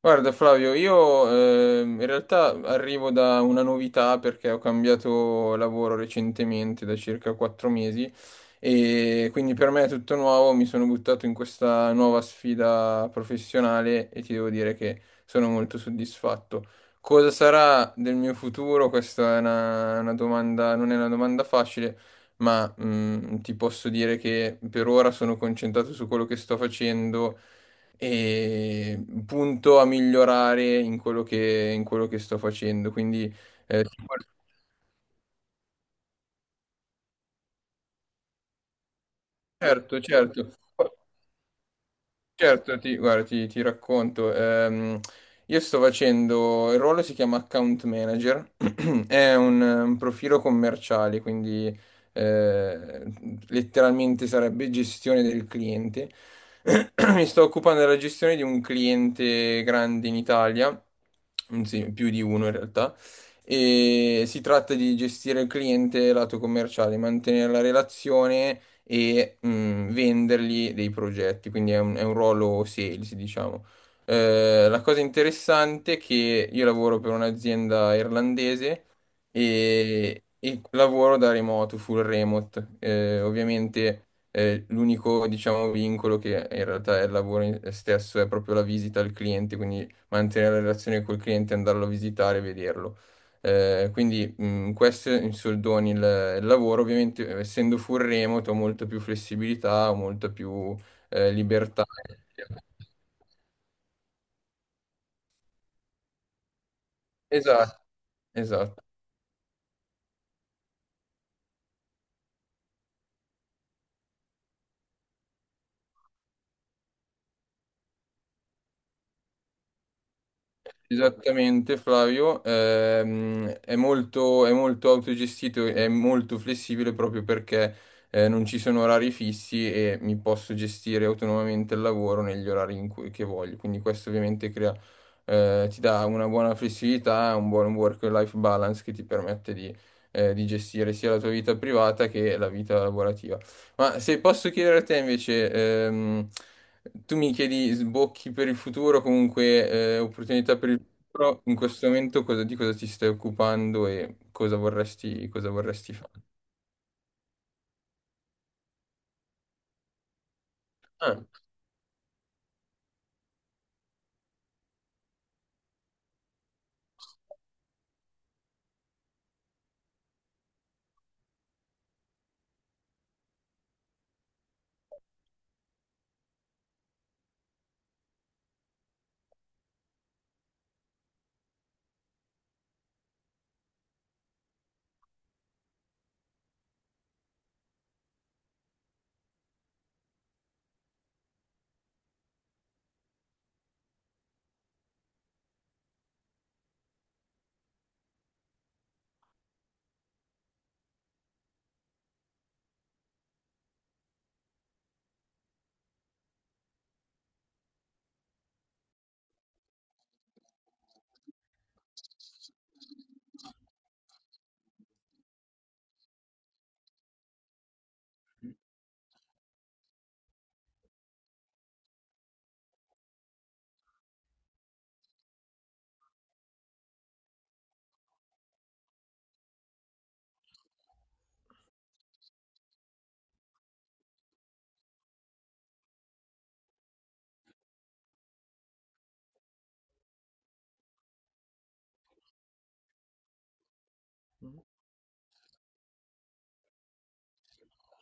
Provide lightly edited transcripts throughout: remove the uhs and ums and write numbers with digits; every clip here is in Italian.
Guarda Flavio, io in realtà arrivo da una novità perché ho cambiato lavoro recentemente da circa quattro mesi e quindi per me è tutto nuovo, mi sono buttato in questa nuova sfida professionale e ti devo dire che sono molto soddisfatto. Cosa sarà del mio futuro? Questa è una domanda, non è una domanda facile, ma ti posso dire che per ora sono concentrato su quello che sto facendo e punto a migliorare in quello che sto facendo. Quindi, eh, sicur- certo, certo. Certo, guarda, ti racconto. Io sto facendo, il ruolo si chiama Account Manager, è un profilo commerciale, quindi eh, letteralmente sarebbe gestione del cliente. Mi sto occupando della gestione di un cliente grande in Italia, anzi più di uno in realtà, e si tratta di gestire il cliente lato commerciale, mantenere la relazione e vendergli dei progetti, quindi è un ruolo sales, diciamo. La cosa interessante è che io lavoro per un'azienda irlandese e lavoro da remoto, full remote. Ovviamente l'unico, diciamo, vincolo che in realtà è stesso è proprio la visita al cliente, quindi mantenere la relazione col cliente, andarlo a visitare e vederlo. Quindi questo in soldoni il lavoro, ovviamente essendo full remote ho molta più flessibilità, ho molta più libertà. Esatto, esatto. Esattamente, Flavio. È molto autogestito, è molto flessibile proprio perché non ci sono orari fissi e mi posso gestire autonomamente il lavoro negli che voglio. Quindi questo ovviamente crea, ti dà una buona flessibilità, un buon work-life balance che ti permette di gestire sia la tua vita privata che la vita lavorativa. Ma se posso chiedere a te invece, ehm, tu mi chiedi sbocchi per il futuro, comunque opportunità per il futuro. In questo momento di cosa ti stai occupando e cosa vorresti fare? Ah.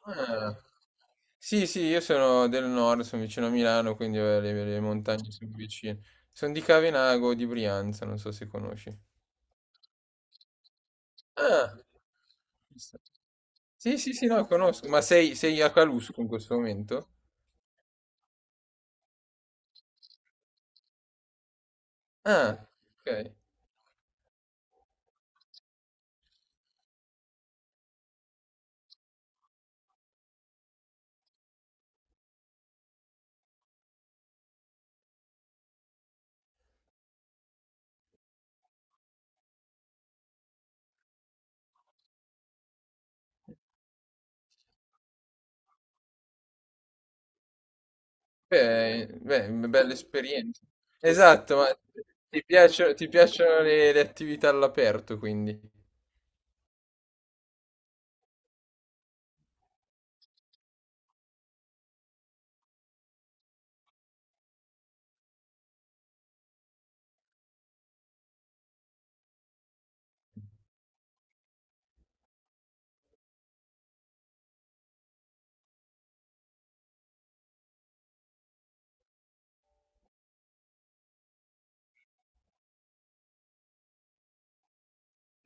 Ah. Sì, sì, io sono del nord, sono vicino a Milano, quindi eh, le montagne sono vicine. Sono di Cavenago, di Brianza, non so se conosci. Ah. Sì, sì, sì, no, conosco. Ma sei, sei a Calusco in questo momento? Ah, ok. Beh, beh, una bella esperienza. Esatto, ma ti piacciono le attività all'aperto, quindi.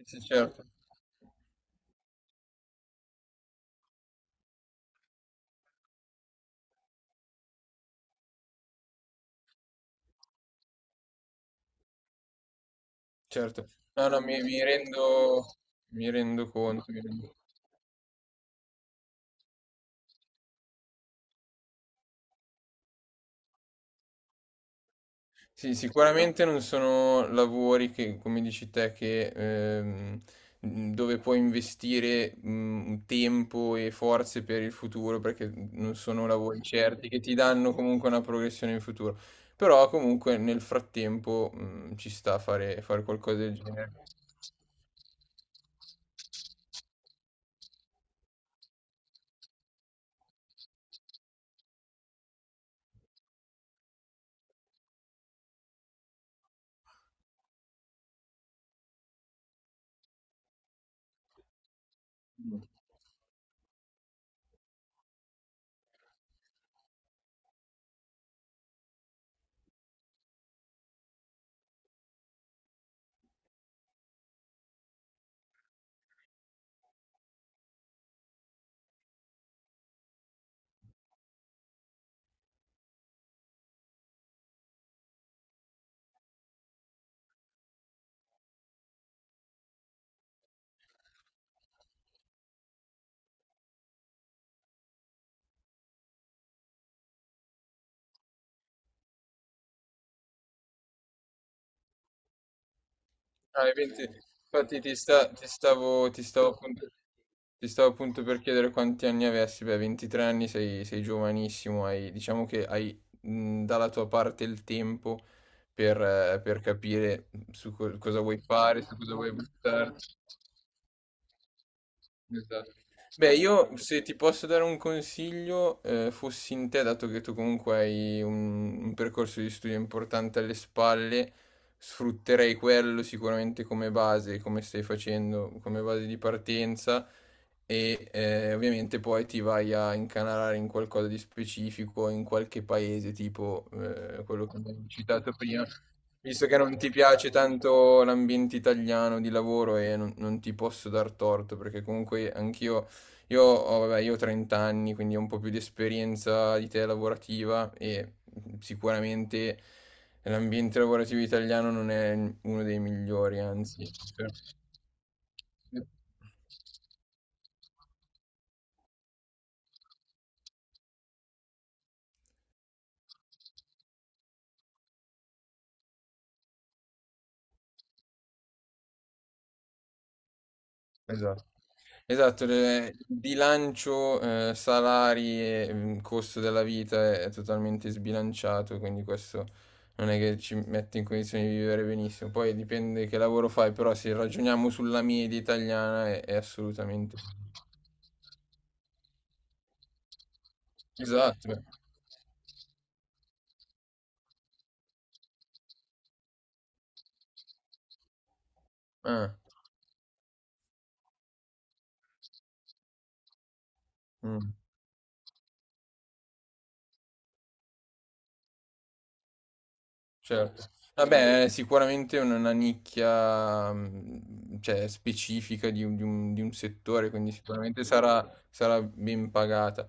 Sì, certo, certo. No, no, mi rendo conto. Sì, sicuramente non sono lavori che, come dici te, che, dove puoi investire tempo e forze per il futuro, perché non sono lavori certi che ti danno comunque una progressione in futuro. Però comunque nel frattempo mh, ci sta a fare qualcosa del genere. Ah, i 20 infatti ti, sta- ti stavo appunto per chiedere quanti anni avessi, beh, 23 anni sei, sei giovanissimo, hai, diciamo che hai dalla tua parte il tempo per, eh, per capire cosa vuoi fare, su cosa vuoi buttarti. Esatto. Beh, io se ti posso dare un consiglio, fossi in te, dato che tu comunque hai un percorso di studio importante alle spalle, sfrutterei quello sicuramente come base, come stai facendo, come base di partenza e ovviamente poi ti vai a incanalare in qualcosa di specifico, in qualche paese, tipo quello che abbiamo citato prima. Visto che non ti piace tanto l'ambiente italiano di lavoro e non, non ti posso dar torto, perché comunque anch'io, io ho, vabbè, io ho 30 anni, quindi ho un po' più di esperienza di te lavorativa e sicuramente l'ambiente lavorativo italiano non è uno dei migliori, anzi. per- Esatto. Esatto, il bilancio, salari e costo della vita è totalmente sbilanciato, quindi questo non è che ci mette in condizione di vivere benissimo. Poi dipende che lavoro fai, però se ragioniamo sulla media italiana è assolutamente... Esatto. Beh, eh, mm. Certo. Vabbè, è sicuramente una nicchia, cioè, specifica di un, di un- di un settore, quindi sicuramente sarà, sarà ben pagata.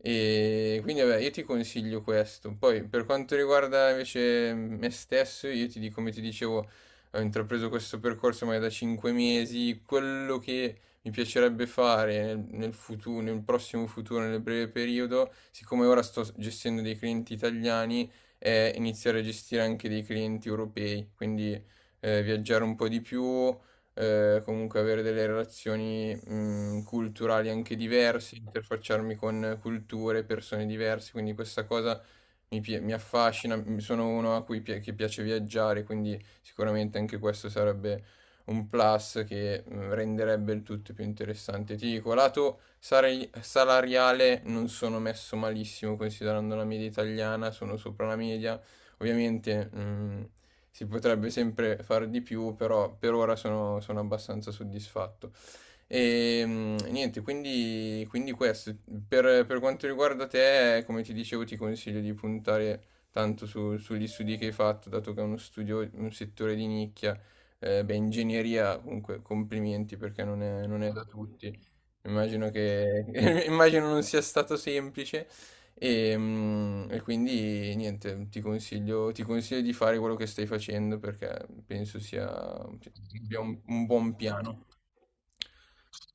E quindi, vabbè, io ti consiglio questo. Poi, per quanto riguarda invece me stesso, io ti dico, come ti dicevo, ho intrapreso questo percorso ormai da 5 mesi. Quello che mi piacerebbe fare nel futuro, nel prossimo futuro, nel breve periodo, siccome ora sto gestendo dei clienti italiani, è iniziare a gestire anche dei clienti europei, quindi viaggiare un po' di più, comunque avere delle relazioni culturali anche diverse, interfacciarmi con culture, persone diverse, quindi questa cosa mi affascina, sono uno che piace viaggiare, quindi sicuramente anche questo sarebbe un plus che renderebbe il tutto più interessante. Ti dico, salariale non sono messo malissimo considerando la media italiana, sono sopra la media. Ovviamente si potrebbe sempre fare di più, però per ora sono, sono abbastanza soddisfatto. E niente, quindi, quindi questo. Per quanto riguarda te, come ti dicevo, ti consiglio di puntare tanto sugli studi che hai fatto, dato che è uno studio, un settore di nicchia. Beh, ingegneria, comunque, complimenti perché non è, non è da tutti. Immagino che, immagino non sia stato semplice. E, e quindi niente, ti consiglio di fare quello che stai facendo perché penso sia, cioè, abbia un buon piano.